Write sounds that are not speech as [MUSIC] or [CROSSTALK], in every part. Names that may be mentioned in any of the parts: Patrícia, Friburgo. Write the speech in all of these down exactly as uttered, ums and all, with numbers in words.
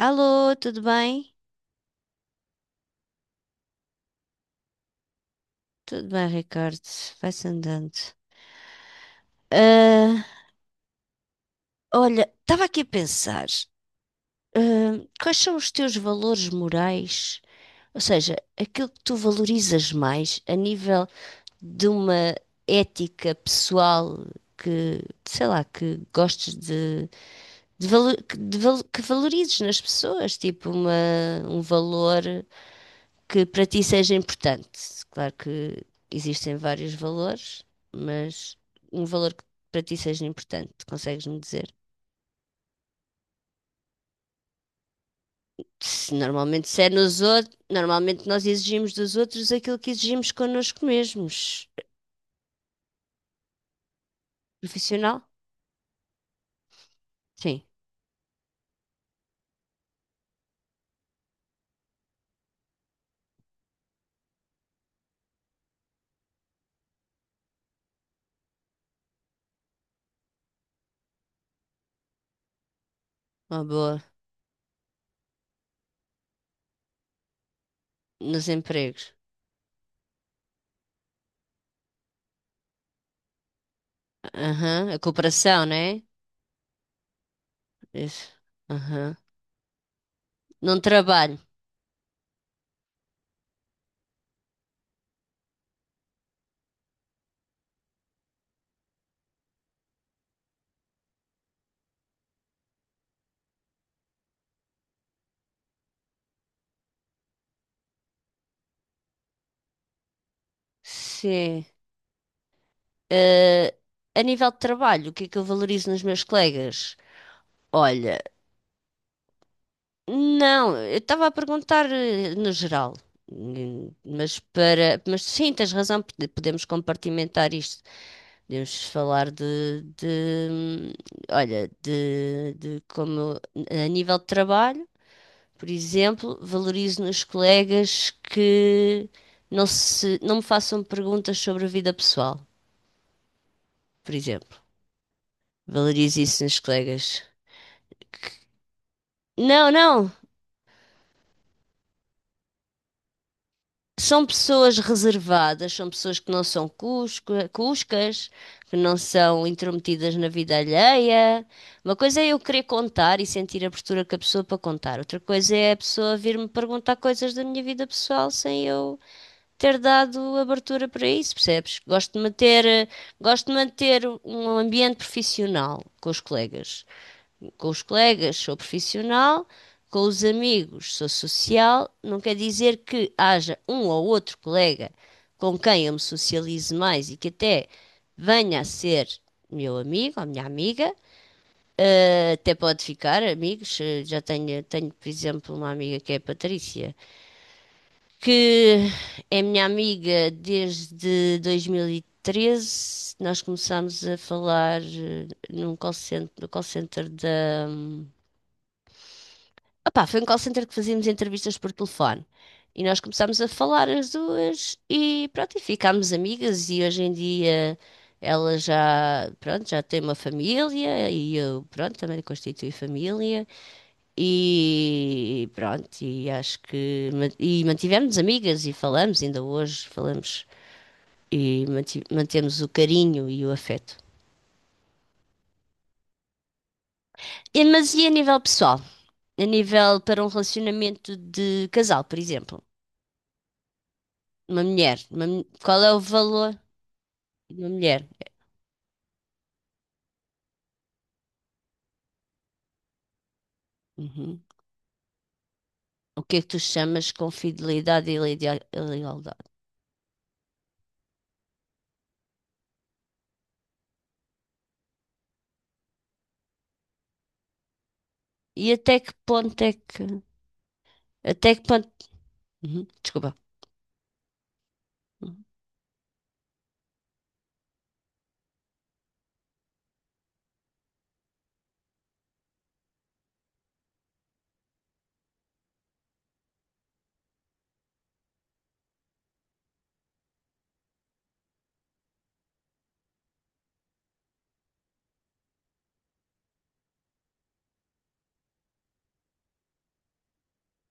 Alô, tudo bem? Tudo bem, Ricardo. Vai-se andando. Ah, olha, estava aqui a pensar, ah, quais são os teus valores morais? Ou seja, aquilo que tu valorizas mais a nível de uma ética pessoal que, sei lá, que gostes de, de valo- que, de valo- que valorizes nas pessoas, tipo uma, um valor que para ti seja importante. Claro que existem vários valores, mas um valor que para ti seja importante, consegues-me dizer? Se normalmente se é nos outros, normalmente nós exigimos dos outros aquilo que exigimos connosco mesmos. Profissional? Sim, uma boa. Nos empregos. Aham, a cooperação, não é? Isso. Aham. Num trabalho. Sim. Eh, a nível de trabalho, o que é que eu valorizo nos meus colegas? Olha, não, eu estava a perguntar eh, no geral. Hum, mas para, mas sim, tens razão, pode- podemos compartimentar isto. Podemos falar de, de, hum, olha, de, de como a nível de trabalho, por exemplo, valorizo nos colegas que não se, não me façam perguntas sobre a vida pessoal, por exemplo. Valorizo isso nos colegas. Não, não. São pessoas reservadas, são pessoas que não são cusca- cuscas, que não são intrometidas na vida alheia. Uma coisa é eu querer contar e sentir a abertura que a pessoa para contar, outra coisa é a pessoa vir-me perguntar coisas da minha vida pessoal sem eu ter dado abertura para isso, percebes? Gosto de manter, eh, gosto de manter um ambiente profissional com os colegas. Com os colegas sou profissional, com os amigos sou social. Não quer dizer que haja um ou outro colega com quem eu me socialize mais e que até venha a ser meu amigo ou minha amiga. Eh, até pode ficar amigos. Eh, Já tenho, tenho, por exemplo, uma amiga que é a Patrícia que é minha amiga desde dois mil e treze. Nós começámos a falar eh, num call center, no call center da. Opá, foi um call center que fazíamos entrevistas por telefone. E nós começámos a falar as duas e pronto, e ficámos amigas e hoje em dia ela já, pronto, já tem uma família e eu, pronto, também constitui família. E pronto, e acho que ma- e mantivemos amigas e falamos, ainda hoje falamos e manti- mantemos o carinho e o afeto. E- mas e a nível pessoal? A nível para um relacionamento de casal, por exemplo, uma mulher, uma mu- qual é o valor de uma mulher? Uhum. O que é que tu chamas com fidelidade e leida- e lealdade? E até que ponto é que. Até que ponto. Uhum, desculpa. Uhum.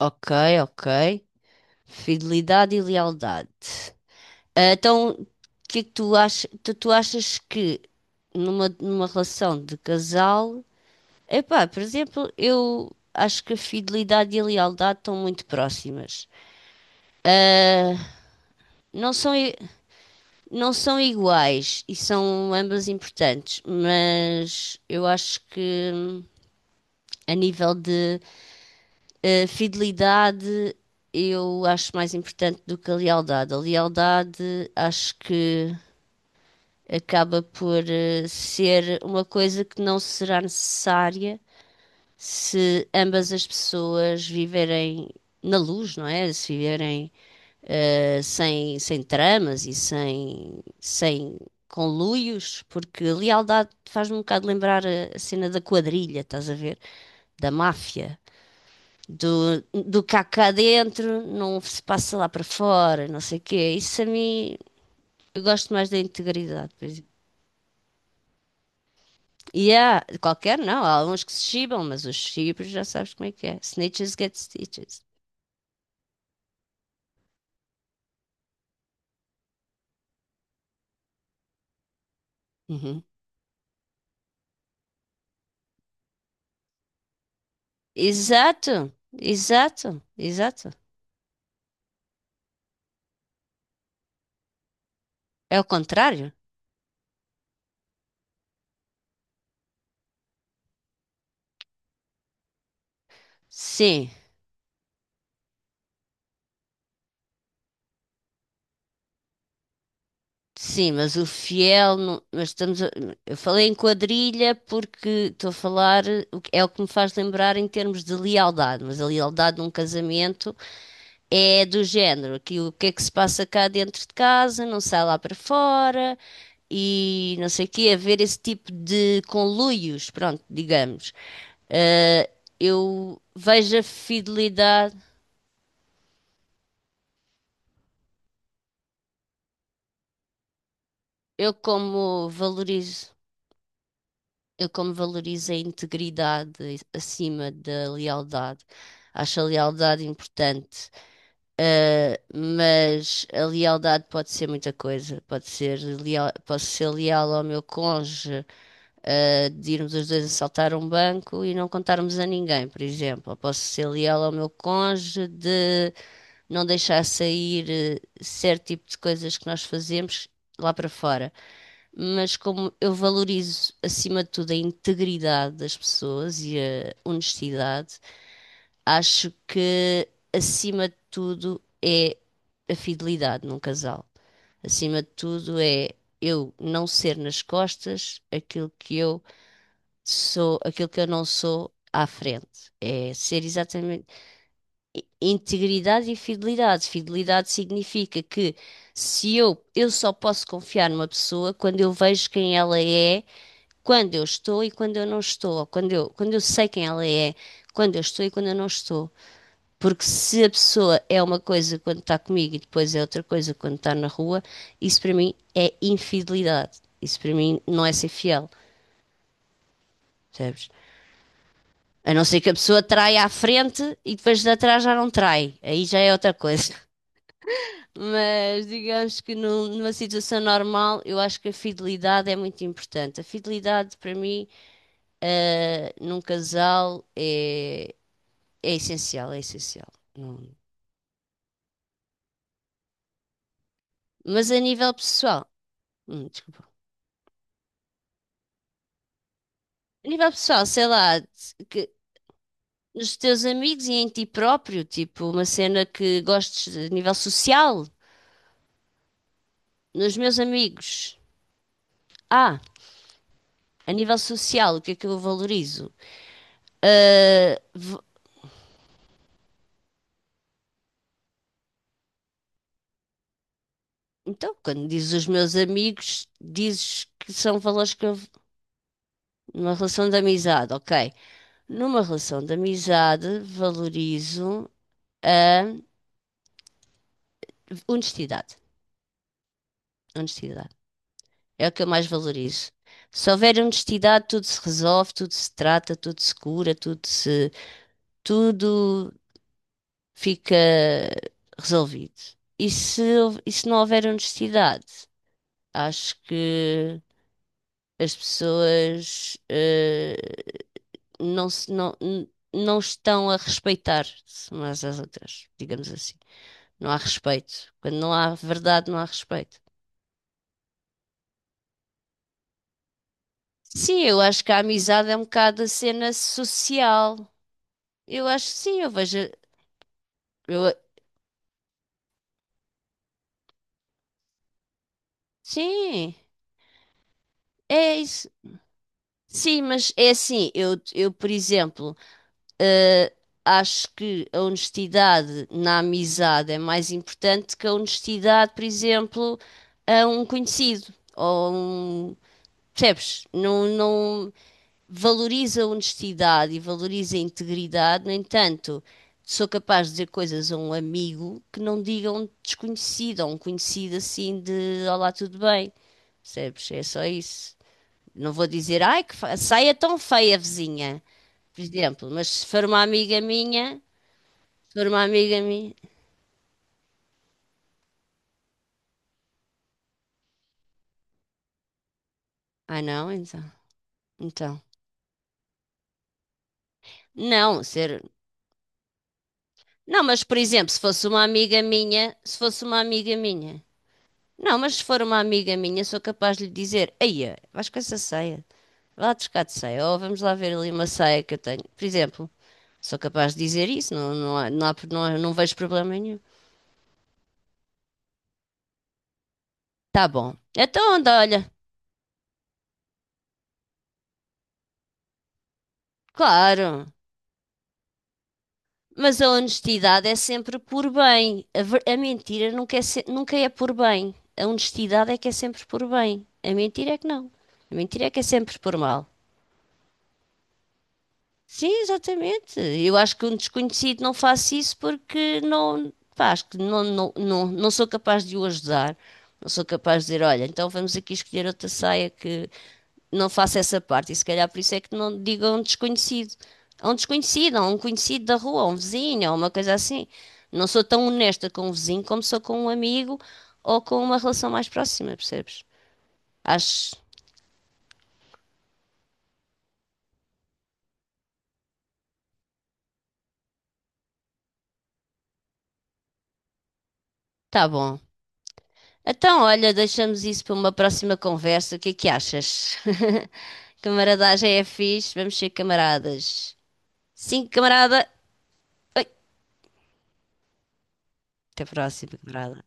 Ok, ok. Fidelidade e lealdade. Ah, então, o que é que tu achas? Tu, tu achas que numa, numa relação de casal, epá, por exemplo, eu acho que a fidelidade e a lealdade estão muito próximas. Ah, não são, i- não são iguais e são ambas importantes, mas eu acho que hum, a nível de ah, fidelidade, eu acho mais importante do que a lealdade. A lealdade, acho que acaba por eh, ser uma coisa que não será necessária se ambas as pessoas viverem na luz, não é? Se viverem eh, sem, sem tramas e sem, sem conluios, porque a lealdade faz-me um bocado lembrar a a cena da quadrilha, estás a ver? Da máfia. Do, do cá cá dentro, não se passa lá para fora, não sei o quê. Isso a mim, eu gosto mais da integridade, por exemplo. E há, qualquer não, há alguns que se chibam, mas os chibos já sabes como é que é. Snitches get stitches. Uhum. Exato, exato, exato. É o contrário? Sim, sim, mas o fiel. Não- mas estamos a- eu falei em quadrilha porque estou a falar, o que- é o que me faz lembrar em termos de lealdade, mas a lealdade num casamento. É do género, que o que é que se passa cá dentro de casa, não sai lá para fora e não sei o quê, haver esse tipo de conluios, pronto, digamos. Eh, eu vejo a fidelidade, eu como valorizo, eu como valorizo a integridade acima da lealdade. Acho a lealdade importante, eh, mas a lealdade pode ser muita coisa. Pode ser leal, posso ser leal ao meu cônjuge, ah, de irmos os dois assaltar um banco e não contarmos a ninguém, por exemplo. Eu posso ser leal ao meu cônjuge de não deixar sair eh, certo tipo de coisas que nós fazemos lá para fora. Mas como eu valorizo, acima de tudo, a integridade das pessoas e a honestidade, acho que, acima de tudo, é a fidelidade num casal. Acima de tudo, é eu não ser nas costas aquilo que eu sou aquilo que eu não sou à frente. É ser exatamente integridade e fidelidade. Fidelidade significa que se eu, eu só posso confiar numa pessoa quando eu vejo quem ela é, quando eu estou e quando eu não estou, ou quando eu, quando eu sei quem ela é, quando eu estou e quando eu não estou. Porque se a pessoa é uma coisa quando está comigo e depois é outra coisa quando está na rua, isso para mim é infidelidade. Isso para mim não é ser fiel, percebes? A não ser que a pessoa trai à frente e depois de atrás já não trai. Aí já é outra coisa. [LAUGHS] Mas digamos que num- numa situação normal, eu acho que a fidelidade é muito importante. A fidelidade, para mim, eh, num casal é, é essencial, é essencial. Não. Mas a nível pessoal, hum, desculpa. A nível pessoal, sei lá, que nos teus amigos e em ti próprio, tipo, uma cena que gostes a nível social, nos meus amigos. Ah. A nível social, o que é que eu valorizo? Ah, v- então, quando dizes os meus amigos, dizes que são valores que eu. Numa relação de amizade, ok. Numa relação de amizade, valorizo a honestidade. Honestidade. É o que eu mais valorizo. Se houver honestidade, tudo se resolve, tudo se trata, tudo se cura, tudo se, tudo fica resolvido. E se, hou- e se não houver honestidade, acho que as pessoas eh, não se, não, n- não estão a respeitar-se umas às outras, digamos assim. Não há respeito. Quando não há verdade, não há respeito. Sim, eu acho que a amizade é um bocado a cena social. Eu acho que sim, eu vejo. Eu, sim, é isso. Sim, mas é assim, eu, eu, por exemplo. Eh, Acho que a honestidade na amizade é mais importante que a honestidade, por exemplo, a um conhecido ou a um, percebes? Não, não valoriza a honestidade e valoriza a integridade. No entanto, sou capaz de dizer coisas a um amigo que não diga a um desconhecido, a um conhecido assim de olá, tudo bem, percebes? É só isso. Não vou dizer, ai, que fa- saia tão feia, vizinha, por exemplo, mas se for uma amiga minha. Ser uma amiga minha. Ah, não, então. Então. Não, ser. Não, mas por exemplo, se fosse uma amiga minha, se fosse uma amiga minha. Não, mas se for uma amiga minha, sou capaz de lhe dizer: Eia, vais com essa saia. Vai lá buscar de saia. Ou vamos lá ver ali uma saia que eu tenho. Por exemplo, sou capaz de dizer isso. Não, não, há, não, há, não, há- não vejo problema nenhum. Tá bom. Então, anda, olha. Claro. Mas a honestidade é sempre por bem. A, ver- a mentira nunca é, se- nunca é por bem. A honestidade é que é sempre por bem. A mentira é que não. A mentira é que é sempre por mal. Sim, exatamente. Eu acho que um desconhecido não faça isso porque não, pá, acho que não, não, não, não sou capaz de o ajudar. Não sou capaz de dizer, olha, então vamos aqui escolher outra saia que não faço essa parte. E se calhar por isso é que não digo a um desconhecido. A um desconhecido, a um conhecido da rua, a um vizinho, a uma coisa assim. Não sou tão honesta com um vizinho como sou com um amigo ou com uma relação mais próxima, percebes? Acho. Tá bom. Então, olha, deixamos isso para uma próxima conversa. O que é que achas? [LAUGHS] Camaradagem é fixe, vamos ser camaradas. Sim, camarada. Oi, até a próxima, camarada.